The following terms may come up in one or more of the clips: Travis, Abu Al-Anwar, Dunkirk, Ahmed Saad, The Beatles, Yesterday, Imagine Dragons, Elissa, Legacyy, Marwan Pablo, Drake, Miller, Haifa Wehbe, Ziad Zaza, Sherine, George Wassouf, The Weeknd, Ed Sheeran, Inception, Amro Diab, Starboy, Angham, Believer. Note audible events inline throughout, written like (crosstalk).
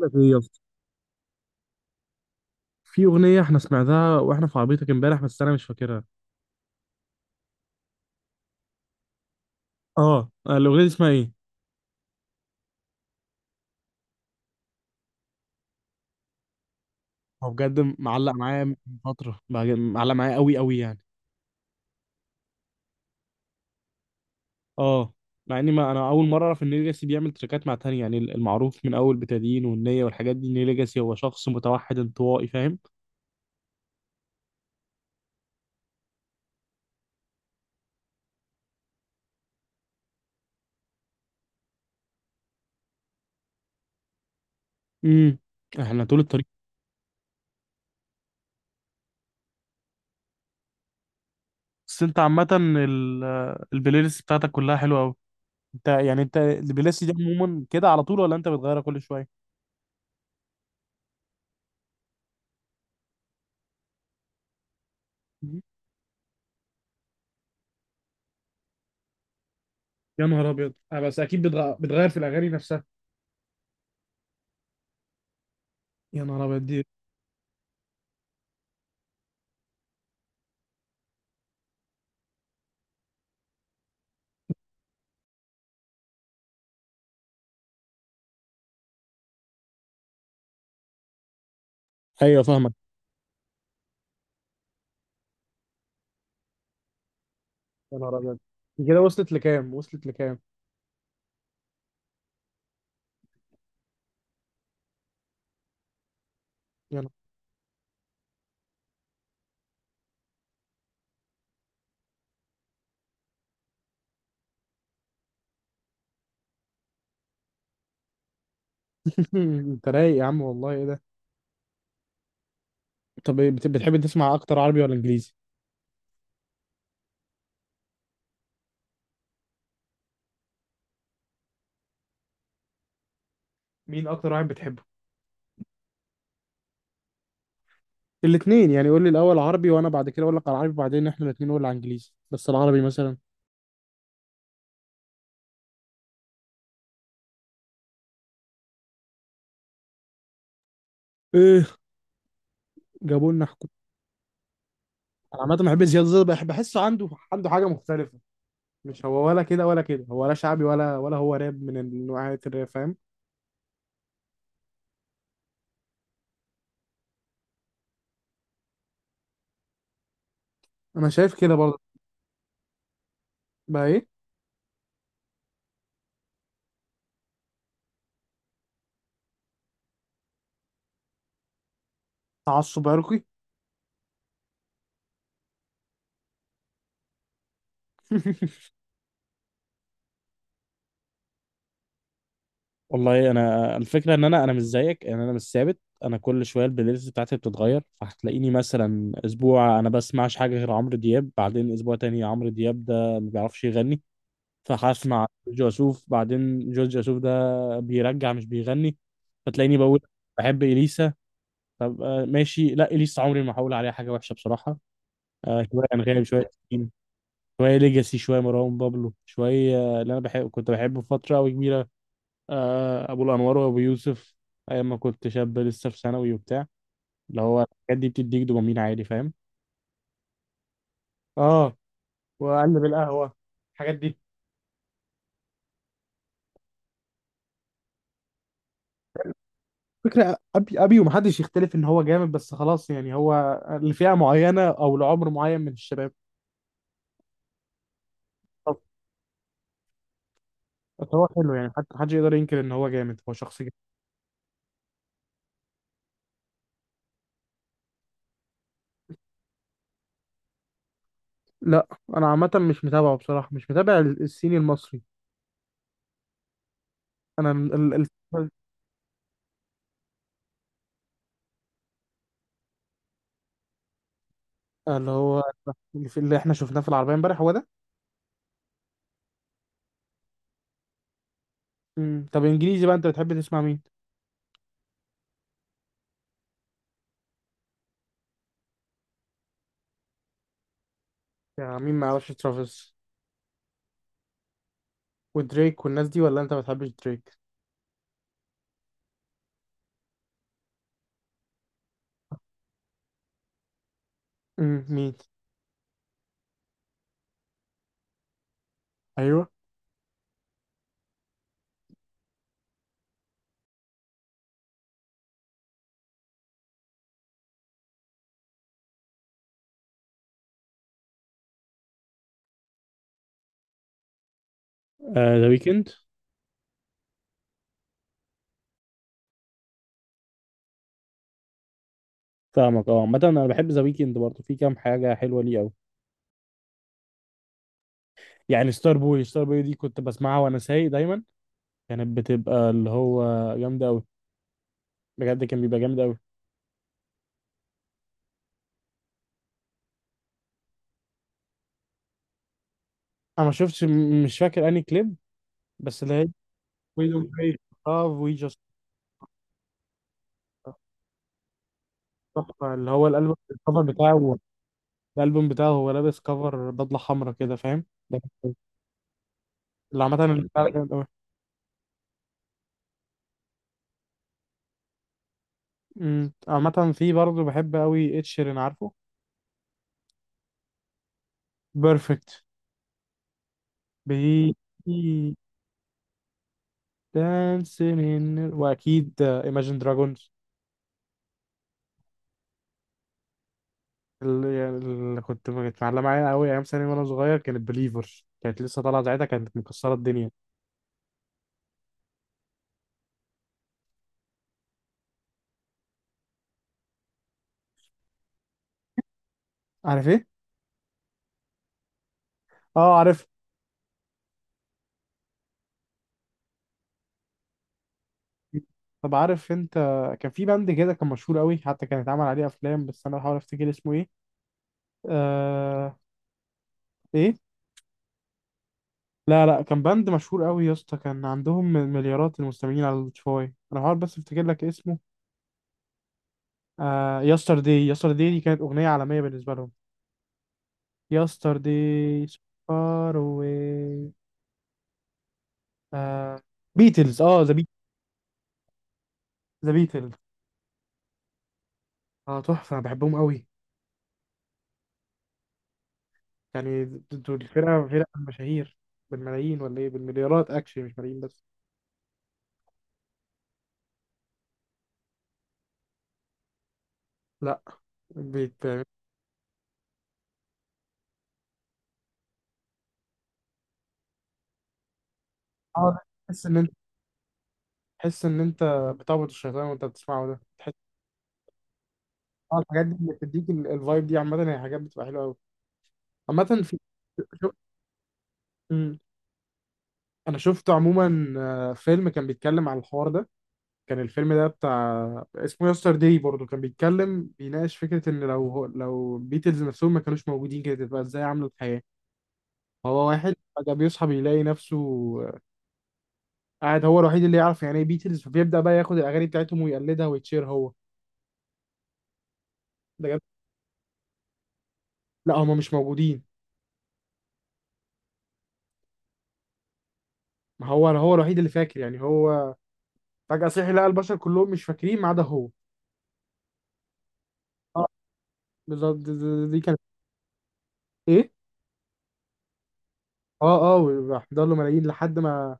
لك ايه يا اسطى؟ في اغنيه احنا سمعناها واحنا في عربيتك امبارح، بس انا مش فاكرها. اه الاغنيه دي اسمها ايه؟ هو بجد معلق معايا من فتره، معلق معايا قوي قوي يعني. اه، مع اني ما انا اول مره اعرف ان ليجاسي بيعمل تراكات مع تاني، يعني المعروف من اول بتادين والنيه والحاجات دي ان ليجاسي هو شخص متوحد انطوائي، فاهم؟ امم احنا طول الطريق. بس انت عامه البلاي ليست بتاعتك كلها حلوه قوي. انت يعني انت البلاي ليست دي عموما كده على طول، ولا انت بتغيرها كل شويه؟ يا نهار ابيض، آه، بس اكيد بتغير في الاغاني نفسها. يا نهار ابيض دي. ايوه فاهمك. يا نهار ابيض، دي كده وصلت لكام؟ وصلت لكام؟ يا نهار. (laughs) انت رايق يا عم، والله ايه ده؟ طب إيه، بتحب تسمع اكتر عربي ولا انجليزي؟ مين اكتر واحد بتحبه؟ الاثنين يعني، قول لي الاول عربي، وانا بعد كده اقول لك على العربي، وبعدين احنا الاثنين نقول على انجليزي. بس العربي مثلا؟ ايه، جابوا لنا حكومه. انا عامه بحب زياد زازا، بحب بحسه عنده عنده حاجه مختلفه. مش هو ولا كده ولا كده، هو ولا شعبي، ولا ولا هو راب من نوعية الراب، فاهم؟ انا شايف كده برضه. بقى ايه؟ تعصب عرقي. (laughs) والله انا الفكره ان انا مش زيك، ان انا مش ثابت. انا كل شويه البلاي ليست بتاعتي بتتغير، فهتلاقيني مثلا اسبوع انا بسمعش حاجه غير عمرو دياب، بعدين اسبوع تاني عمرو دياب ده ما بيعرفش يغني، فهسمع جورج وسوف. بعدين جورج وسوف ده بيرجع مش بيغني، فتلاقيني بقول بحب اليسا. طب آه، ماشي. لا، اليسا عمري ما هقول عليها حاجه وحشه بصراحه. آه، شويه انغام، شويه شيرين، شويه ليجاسي، شويه مروان بابلو، شويه آه، اللي انا بحب كنت بحبه فتره قوي كبيره، آه، ابو الانوار وابو يوسف، ايام ما كنت شاب لسه في ثانوي وبتاع. اللي هو الحاجات دي بتديك دوبامين عالي، فاهم؟ اه، واقلب القهوه، الحاجات دي. فكرة أبي ومحدش يختلف إن هو جامد، بس خلاص يعني هو لفئة معينة أو لعمر معين من الشباب. طب بس هو حلو يعني، حتى محدش يقدر ينكر إن هو جامد، هو شخص جامد. لا، أنا عامة مش متابعه، بصراحة مش متابع الصيني المصري. أنا ال- اللي هو اللي إحنا شفناه في العربية إمبارح هو ده. مم. طب إنجليزي بقى، أنت بتحب تسمع مين؟ يعني مين ما يعرفش ترافيس؟ ودريك والناس دي، ولا انت ما بتحبش دريك؟ امم، مين؟ ايوه. ذا ويكند؟ فاهمك. اه عامة انا بحب ذا ويكند برضه، في كام حاجة حلوة ليه قوي. يعني ستار بوي، ستار بوي دي كنت بسمعها وانا سايق دايما، كانت بتبقى اللي هو جامدة قوي. بجد كان بيبقى جامد قوي. انا ما شفتش، مش فاكر انهي كليب. بس اللي هي وي دونت كري. اه وي جاست. تحفة اللي هو الالبوم الكفر بتاعه. الالبوم بتاعه هو لابس كفر بدلة حمراء كده، فاهم؟ ده اللي عامة اللي بتاعه جامد قوي. امم، عامة في برضه بحب قوي ed sheeran، عارفه؟ بيرفكت. بي دانسين ان. واكيد ايماجين دراجونز. اللي, يعني اللي كنت كانت معلقه معايا قوي ايام ثانوي وانا صغير كانت بليفر، كانت لسه طالعه ساعتها، كانت مكسره الدنيا. عارف ايه؟ اه عارف. طب عارف انت، كان في باند كده كان مشهور قوي حتى كان اتعمل عليه افلام، بس انا بحاول افتكر اسمه ايه. آه... ايه؟ لا لا، كان باند مشهور قوي يا اسطى، كان عندهم مليارات المستمعين على سبوتيفاي. انا هحاول بس افتكر لك اسمه. آه، يسترداي، يسترداي دي كانت اغنيه عالميه بالنسبه لهم. يسترداي، فار اواي. آه، بيتلز، اه ذا بيتلز. ذا بيتلز، اه تحفه، انا بحبهم قوي. يعني دول الفرقه فرقه مشاهير بالملايين، ولا ايه بالمليارات اكشلي، مش ملايين بس. لا، بيت. اه تحس ان انت، تحس ان انت بتعبد الشيطان وانت بتسمعه ده. اه الحاجات دي اللي بتديك الفايب دي، عامة هي حاجات بتبقى حلوة أوي. عامة في شو... مم. أنا شفت عموما آه، فيلم كان بيتكلم على الحوار ده، كان الفيلم ده بتاع، اسمه يستر داي برضه، كان بيتكلم بيناقش فكرة إن لو لو بيتلز نفسهم ما كانوش موجودين كانت هتبقى إزاي عاملة الحياة. هو واحد فجأة بيصحى بيلاقي نفسه آه، قاعد هو الوحيد اللي يعرف يعني إيه بيتلز، فبيبدأ بقى ياخد الأغاني بتاعتهم ويقلدها ويتشير هو. ده جد. لا، هما مش موجودين. ما هو هو الوحيد اللي فاكر يعني، هو فجأة صحي لقى البشر كلهم مش فاكرين ما عدا هو. اه بالظبط. دي كانت. ايه؟ اه اه، وراح له ملايين لحد ما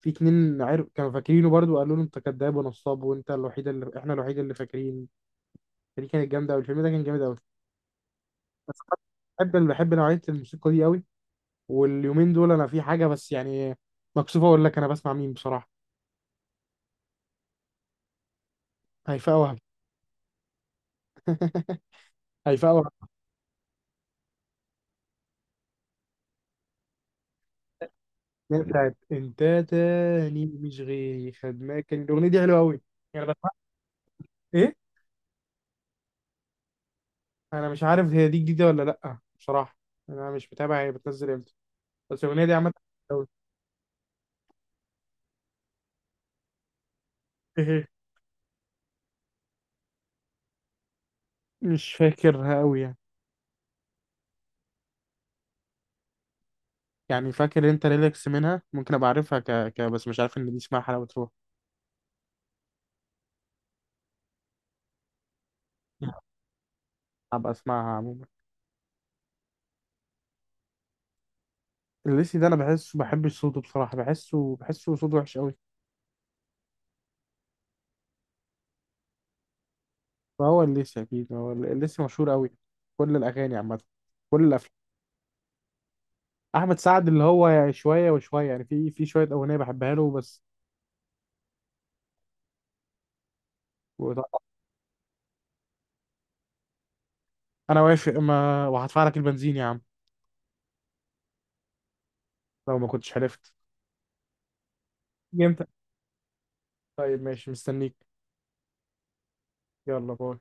في اتنين عرف كانوا فاكرينه برضو، قالوا له انت كذاب ونصاب، وانت الوحيد اللي احنا الوحيد اللي فاكرين. فدي كانت جامده قوي، الفيلم ده كان جامد قوي. بس أنا بحب بحب نوعيه الموسيقى دي قوي. واليومين دول انا في حاجه، بس يعني مكسوفه اقول لك انا بسمع مين بصراحه. هيفاء وهبي. (laughs) هيفاء وهبي اللي هي بتاعت انت تاني مش غيري خدناك، كان الاغنيه دي حلوه قوي. يعني بسمع، انا مش عارف هي دي جديده ولا لا بصراحه، انا مش متابع هي بتنزل امتى، بس الاغنيه دي عامه أوي. إيه هي؟ (laughs) مش فاكرها قوي يعني. يعني فاكر انت ريلاكس منها، ممكن ابقى عارفها ك... ك... بس مش عارف ان دي اسمها حلاوه روح. (laughs) هبقى اسمعها عموما. الليسي ده انا بحسه بحبش صوته بصراحه، بحسه بحسه صوته وحش قوي. فهو الليسي، اكيد هو الليسي مشهور قوي. كل الاغاني عامه، كل الافلام. احمد سعد اللي هو يعني شويه وشويه يعني، في شويه اغنيه بحبها له بس. وط- انا وافق، ما وهدفع لك البنزين يا عم لو ما كنتش عرفت. امتى؟ طيب ماشي مستنيك. يلا، باي.